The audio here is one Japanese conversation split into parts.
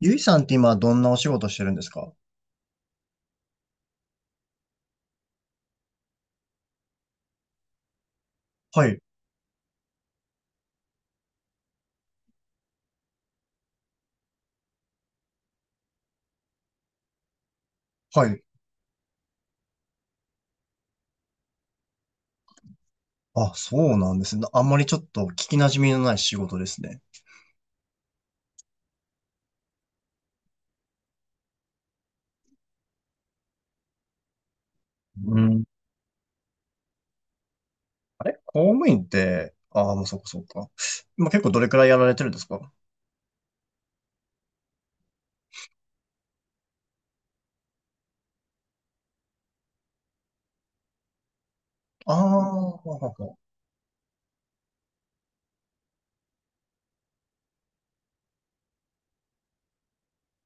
ゆいさんって今どんなお仕事してるんですか？はい、はい。あ、そうなんですね。あんまりちょっと聞き馴染みのない仕事ですね。うん。あれ、公務員って、ああ、もうそこそこか。今結構どれくらいやられてるんですか？ああー、ほはは。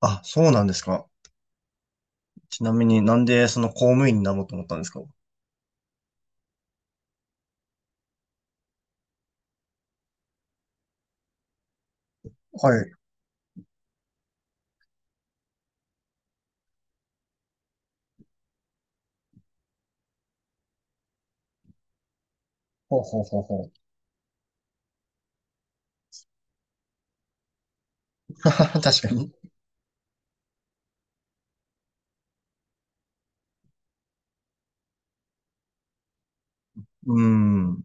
あ、そうなんですか。ちなみになんでその公務員になろうと思ったんですか？はい。ほうほうほうほう。確かに。うーん。う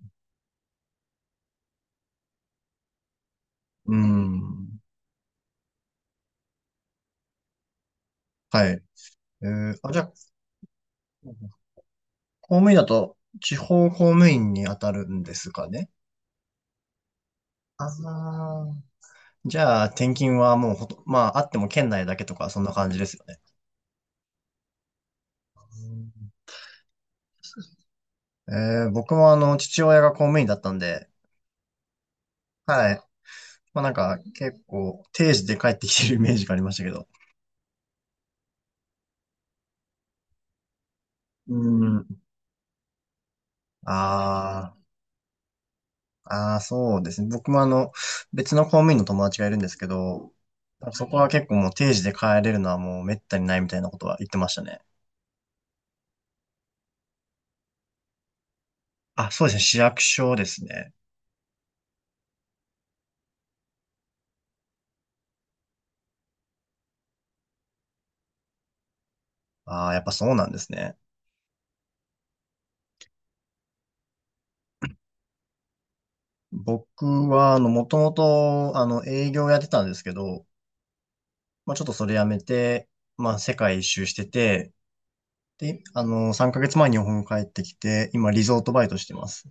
ん。はい。あ、じゃあ、公務員だと地方公務員に当たるんですかね？ああ、じゃあ、転勤はもうほと、まあ、あっても県内だけとか、そんな感じですよね。えー、僕もあの、父親が公務員だったんで、はい。まあなんか、結構、定時で帰ってきてるイメージがありましたけど。うん。ああ、ああ、そうですね。僕もあの、別の公務員の友達がいるんですけど、そこは結構もう定時で帰れるのはもう滅多にないみたいなことは言ってましたね。あ、そうですね。市役所ですね。ああ、やっぱそうなんですね。僕は、あの、もともと、あの、営業やってたんですけど、まあ、ちょっとそれやめて、まあ、世界一周してて、で、あの、3ヶ月前に日本帰ってきて、今、リゾートバイトしてます。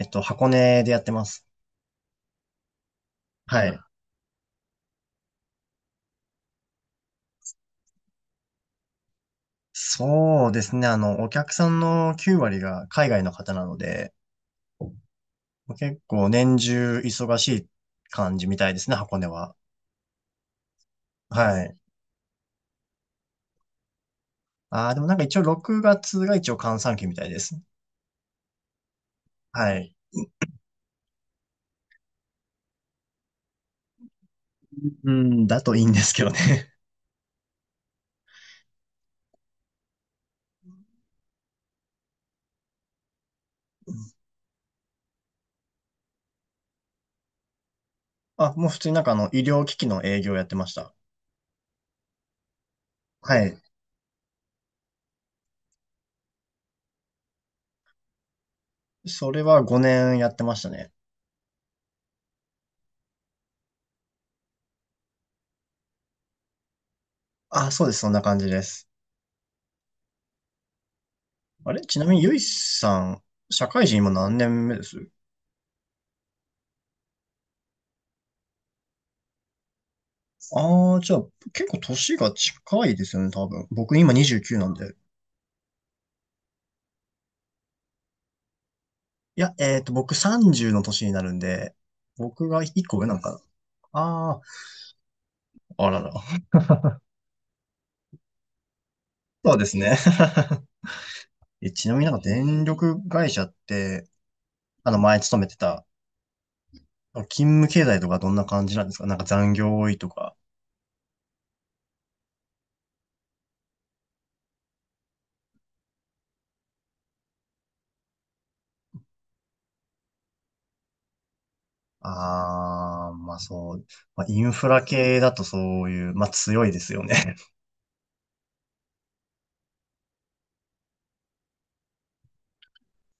えっと、箱根でやってます。はい。そうですね、あの、お客さんの9割が海外の方なので、結構年中忙しい感じみたいですね、箱根は。はい。ああ、でもなんか一応6月がつが一応閑散期みたいです。はい。うん、だといいんですけどね。あ、もう普通になんかあの、医療機器の営業やってました。はい。それは5年やってましたね。あ、そうです。そんな感じです。あれ、ちなみに、ゆいさん、社会人今何年目です？ああー、じゃあ、結構年が近いですよね、多分。僕今29なんで。いや、えっと、僕30の年になるんで、僕が1個上なんかな。ああ、あらら。そうですね。え、ちなみになんか電力会社って、あの、前勤めてた、勤務経済とかどんな感じなんですか？なんか残業多いとか。ああ、まあそう。まあ、インフラ系だとそういう、まあ強いですよね。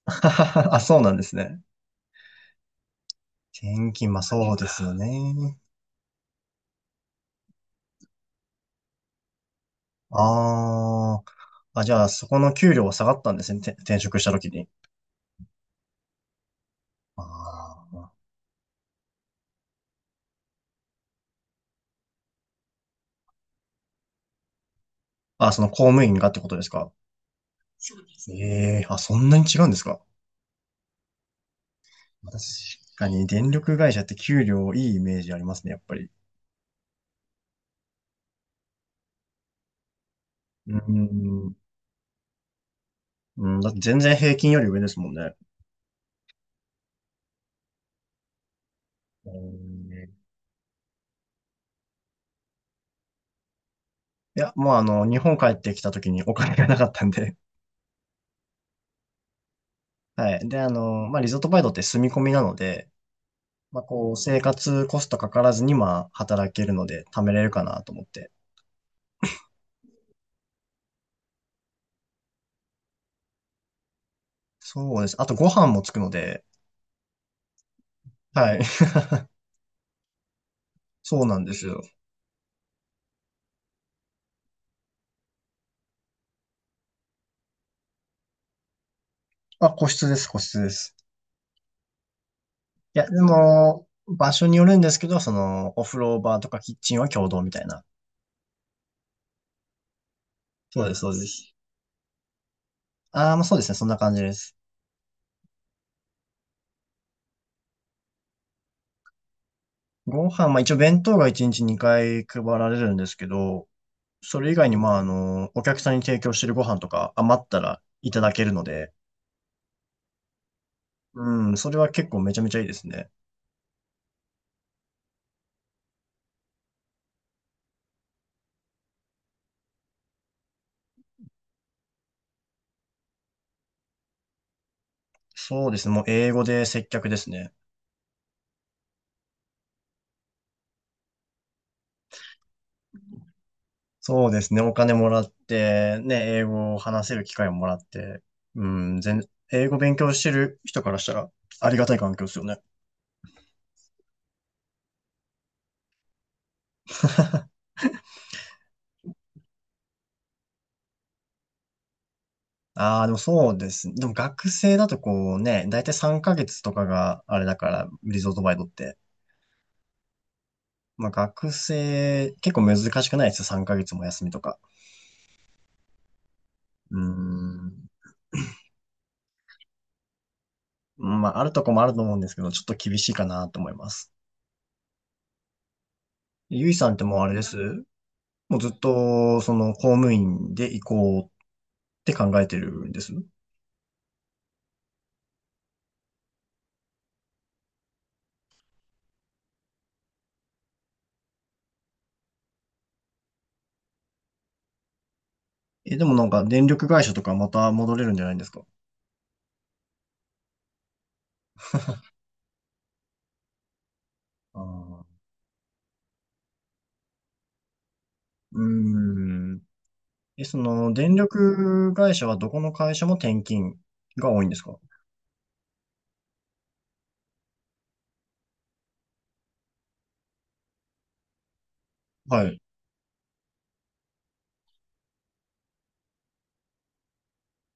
あ、そうなんですね。転勤、まあそうですよね。あー、あ、じゃあそこの給料は下がったんですね。て転職した時に。あー、あ、その公務員がってことですか。ええー、あ、そんなに違うんですか。確かに電力会社って給料いいイメージありますね、やっぱり。うん、うん、だって全然平均より上ですもんね。うん。いや、もうあの、日本帰ってきた時にお金がなかったんで。はい。で、あの、まあ、リゾートバイトって住み込みなので、まあ、こう、生活コストかからずに、まあ、働けるので、貯めれるかなと思って。そうです。あと、ご飯もつくので、はい。そうなんですよ。あ、個室です、個室です。いや、でも、場所によるんですけど、その、お風呂場とかキッチンは共同みたいな。そうです、そうです。ああ、まあ、そうですね、そんな感じです。ご飯、まあ、一応弁当が1日2回配られるんですけど、それ以外に、まあ、あの、お客さんに提供してるご飯とか余ったらいただけるので、うん、それは結構めちゃめちゃいいですね。そうですね、もう英語で接客ですね。そうですね、お金もらって、ね、英語を話せる機会をもらって、うん、英語勉強してる人からしたらありがたい環境ですよね。ああ、でもそうですね。でも学生だとこうね、だいたい3ヶ月とかがあれだから、リゾートバイトって。まあ学生、結構難しくないですよ、3ヶ月も休みとか。うーん。まあ、あるとこもあると思うんですけど、ちょっと厳しいかなと思います。ゆいさんってもうあれです、もうずっと、その、公務員で行こうって考えてるんです？え、でもなんか、電力会社とかまた戻れるんじゃないんですか？ああ、うーん。え、その、電力会社はどこの会社も転勤が多いんですか？はい。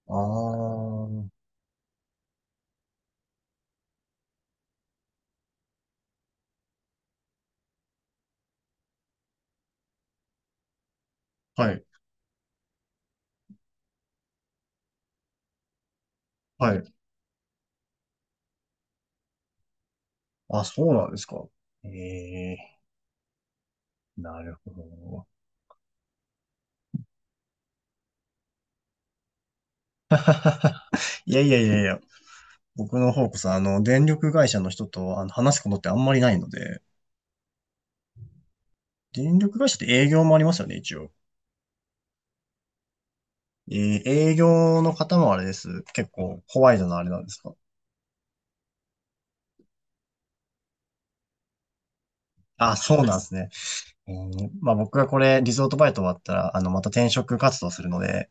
ああ、はい、はい。あ、そうなんですか。ええ、なるほど。いやいやいやいや、僕の方こそ、あの、電力会社の人とあの話すことってあんまりないので、電力会社って営業もありますよね、一応。えー、営業の方もあれです。結構、ホワイトのあれなんですか？あ、そうなんですね。えー、まあ僕がこれ、リゾートバイト終わったら、あの、また転職活動するので、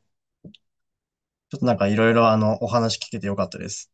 ちょっとなんかいろいろあの、お話聞けてよかったです。